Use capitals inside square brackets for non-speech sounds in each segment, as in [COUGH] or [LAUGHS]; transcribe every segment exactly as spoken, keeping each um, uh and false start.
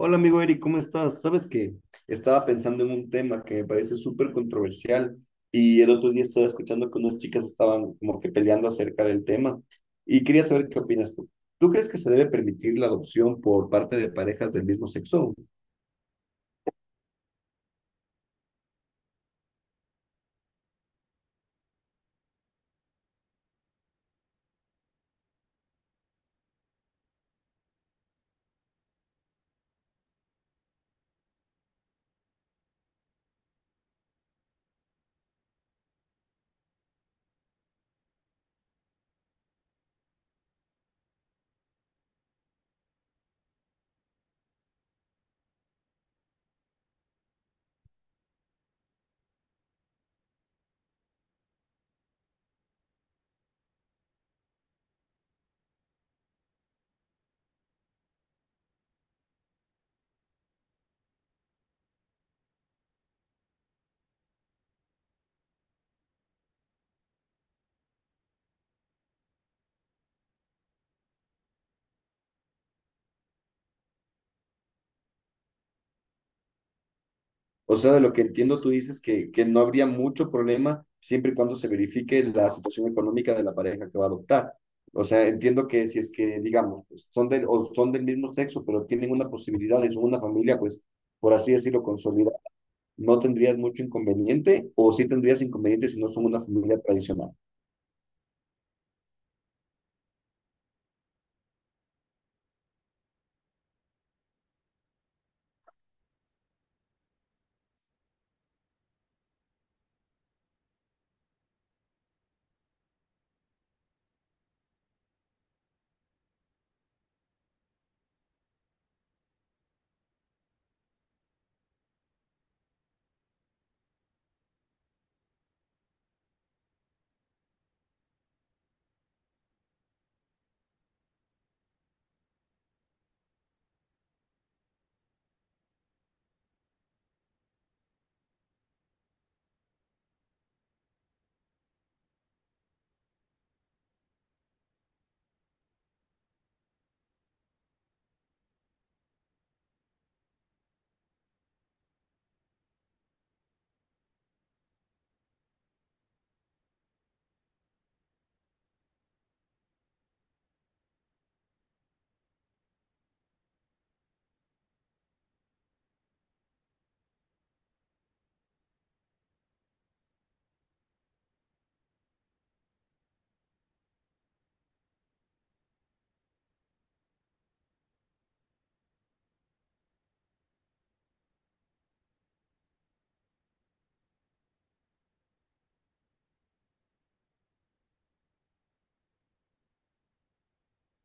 Hola amigo Eric, ¿cómo estás? Sabes que estaba pensando en un tema que me parece súper controversial y el otro día estaba escuchando que unas chicas estaban como que peleando acerca del tema y quería saber qué opinas tú. ¿Tú crees que se debe permitir la adopción por parte de parejas del mismo sexo? O sea, de lo que entiendo, tú dices que, que no habría mucho problema siempre y cuando se verifique la situación económica de la pareja que va a adoptar. O sea, entiendo que si es que, digamos, pues, son del, o son del mismo sexo, pero tienen una posibilidad de una familia, pues, por así decirlo, consolidada, ¿no tendrías mucho inconveniente o sí tendrías inconveniente si no son una familia tradicional?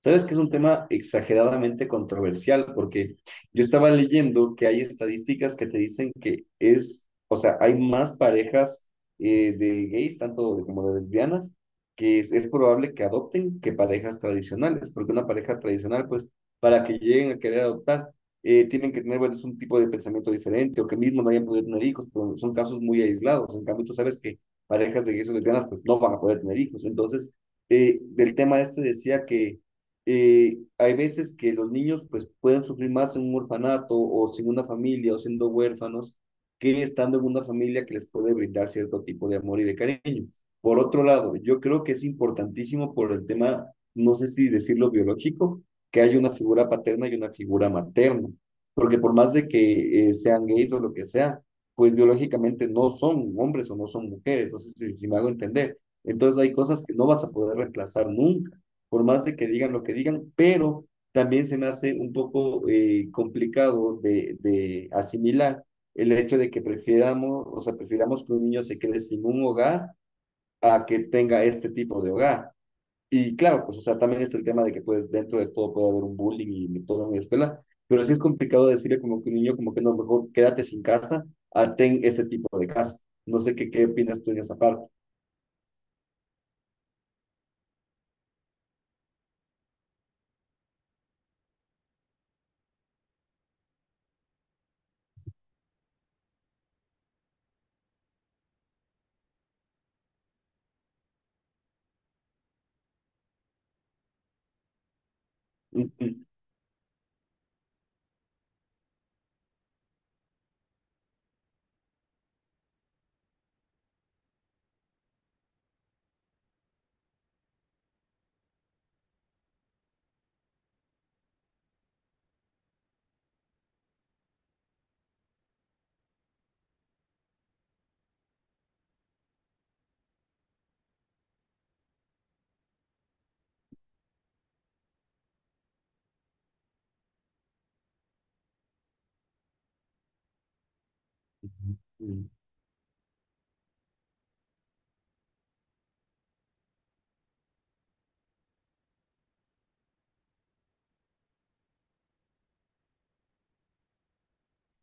Sabes que es un tema exageradamente controversial porque yo estaba leyendo que hay estadísticas que te dicen que es, o sea, hay más parejas eh, de gays, tanto de- como de lesbianas, que es, es probable que adopten que parejas tradicionales, porque una pareja tradicional, pues, para que lleguen a querer adoptar, eh, tienen que tener, bueno, es un tipo de pensamiento diferente o que mismo no hayan podido tener hijos, pero son casos muy aislados. En cambio, tú sabes que parejas de gays o lesbianas, pues, no van a poder tener hijos. Entonces, eh, del tema este decía que eh, hay veces que los niños pues pueden sufrir más en un orfanato o sin una familia o siendo huérfanos que estando en una familia que les puede brindar cierto tipo de amor y de cariño. Por otro lado, yo creo que es importantísimo por el tema, no sé si decirlo biológico, que hay una figura paterna y una figura materna, porque por más de que eh, sean gays o lo que sea, pues biológicamente no son hombres o no son mujeres, entonces si, si me hago entender, entonces hay cosas que no vas a poder reemplazar nunca por más de que digan lo que digan, pero también se me hace un poco eh, complicado de, de asimilar el hecho de que prefiramos, o sea, prefiramos que un niño se quede sin un hogar a que tenga este tipo de hogar. Y claro, pues, o sea, también está el tema de que, pues, dentro de todo puede haber un bullying y todo en la escuela, pero sí es complicado decirle como que un niño, como que no, mejor quédate sin casa a ten este tipo de casa. No sé qué, qué opinas tú en esa parte.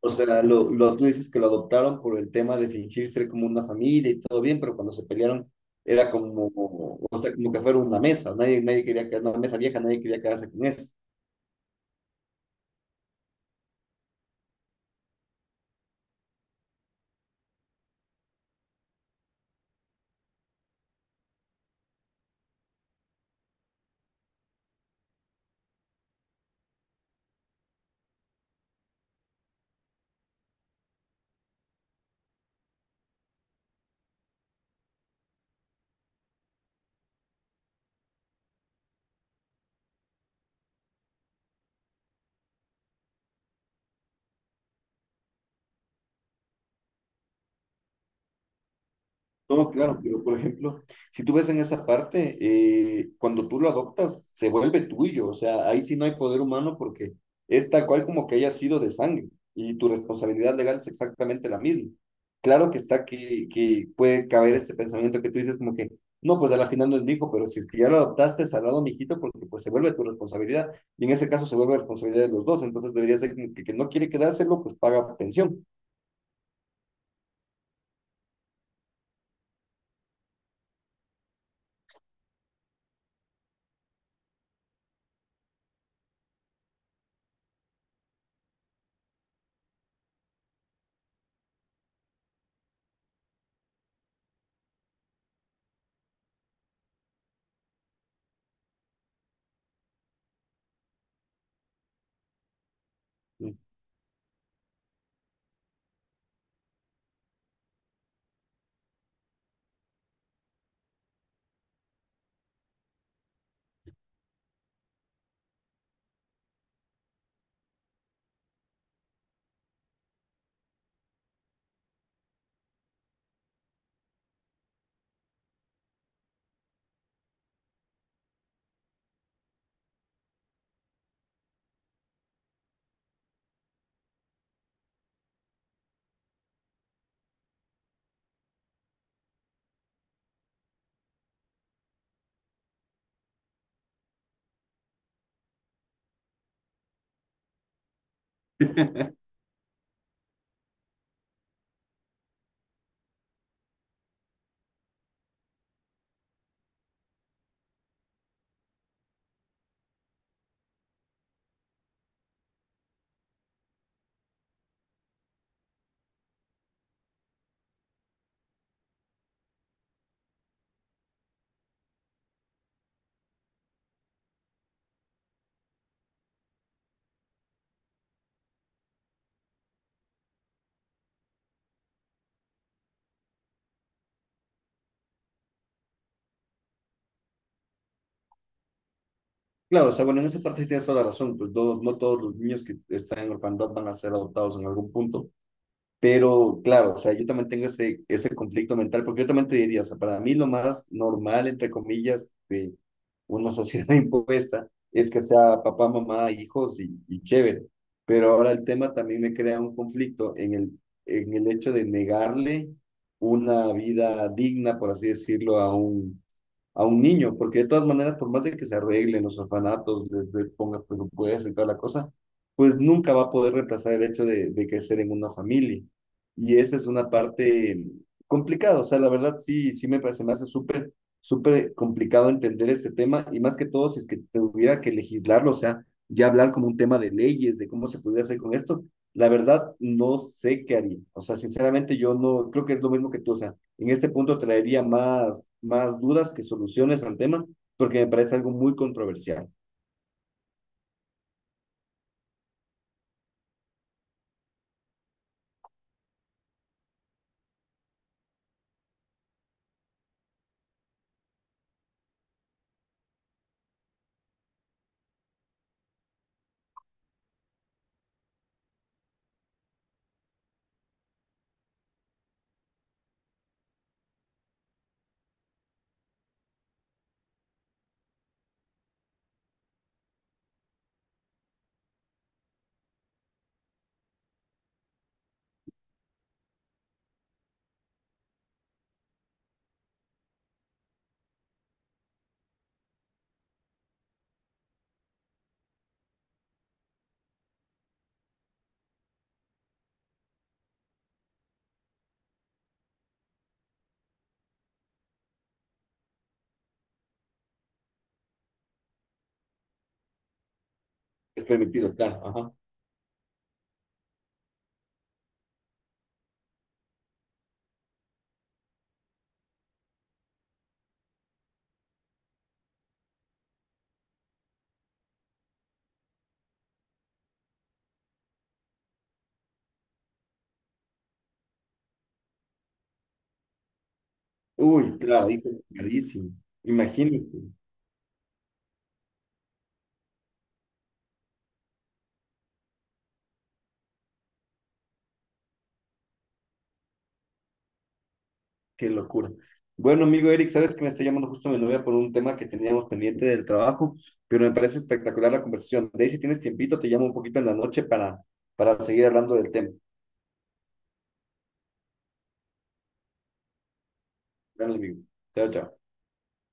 O sea, lo, lo, tú dices que lo adoptaron por el tema de fingir ser como una familia y todo bien, pero cuando se pelearon era como, o sea, como que fuera una mesa, nadie, nadie quería quedar, una mesa vieja, nadie quería quedarse con eso. No, claro, pero por ejemplo, si tú ves en esa parte, eh, cuando tú lo adoptas, se vuelve tuyo, o sea, ahí sí no hay poder humano porque es tal cual como que haya sido de sangre y tu responsabilidad legal es exactamente la misma. Claro que está que, que puede caber este pensamiento que tú dices como que, no, pues al final no es mi hijo, pero si es que ya lo adoptaste, salado mi hijito, porque pues se vuelve tu responsabilidad y en ese caso se vuelve responsabilidad de los dos, entonces debería ser como que, el que no quiere quedárselo, pues paga pensión. ¿No? Claro, o sea, bueno, en esa parte sí tienes toda la razón, pues no, no todos los niños que están en orfandad van a ser adoptados en algún punto, pero claro, o sea, yo también tengo ese, ese conflicto mental, porque yo también te diría, o sea, para mí lo más normal, entre comillas, de una sociedad [LAUGHS] impuesta es que sea papá, mamá, hijos y, y chévere, pero ahora el tema también me crea un conflicto en el, en el hecho de negarle una vida digna, por así decirlo, a un a un niño, porque de todas maneras, por más de que se arreglen los orfanatos, les, les ponga presupuesto y toda la cosa, pues nunca va a poder reemplazar el hecho de, de crecer en una familia. Y esa es una parte complicada, o sea, la verdad sí, sí me parece, me hace súper, súper complicado entender este tema y más que todo si es que tuviera que legislarlo, o sea, ya hablar como un tema de leyes, de cómo se podría hacer con esto, la verdad no sé qué haría, o sea, sinceramente yo no, creo que es lo mismo que tú, o sea, en este punto traería más, más dudas que soluciones al tema, porque me parece algo muy controversial. Es permitido, claro. Ajá. Uy, claro, hijo, carísimo. Imagínate, qué locura. Bueno, amigo Eric, sabes que me está llamando justo mi novia por un tema que teníamos pendiente del trabajo, pero me parece espectacular la conversación. De ahí, si tienes tiempito, te llamo un poquito en la noche para, para seguir hablando del tema. Dale, amigo. Chao, chao.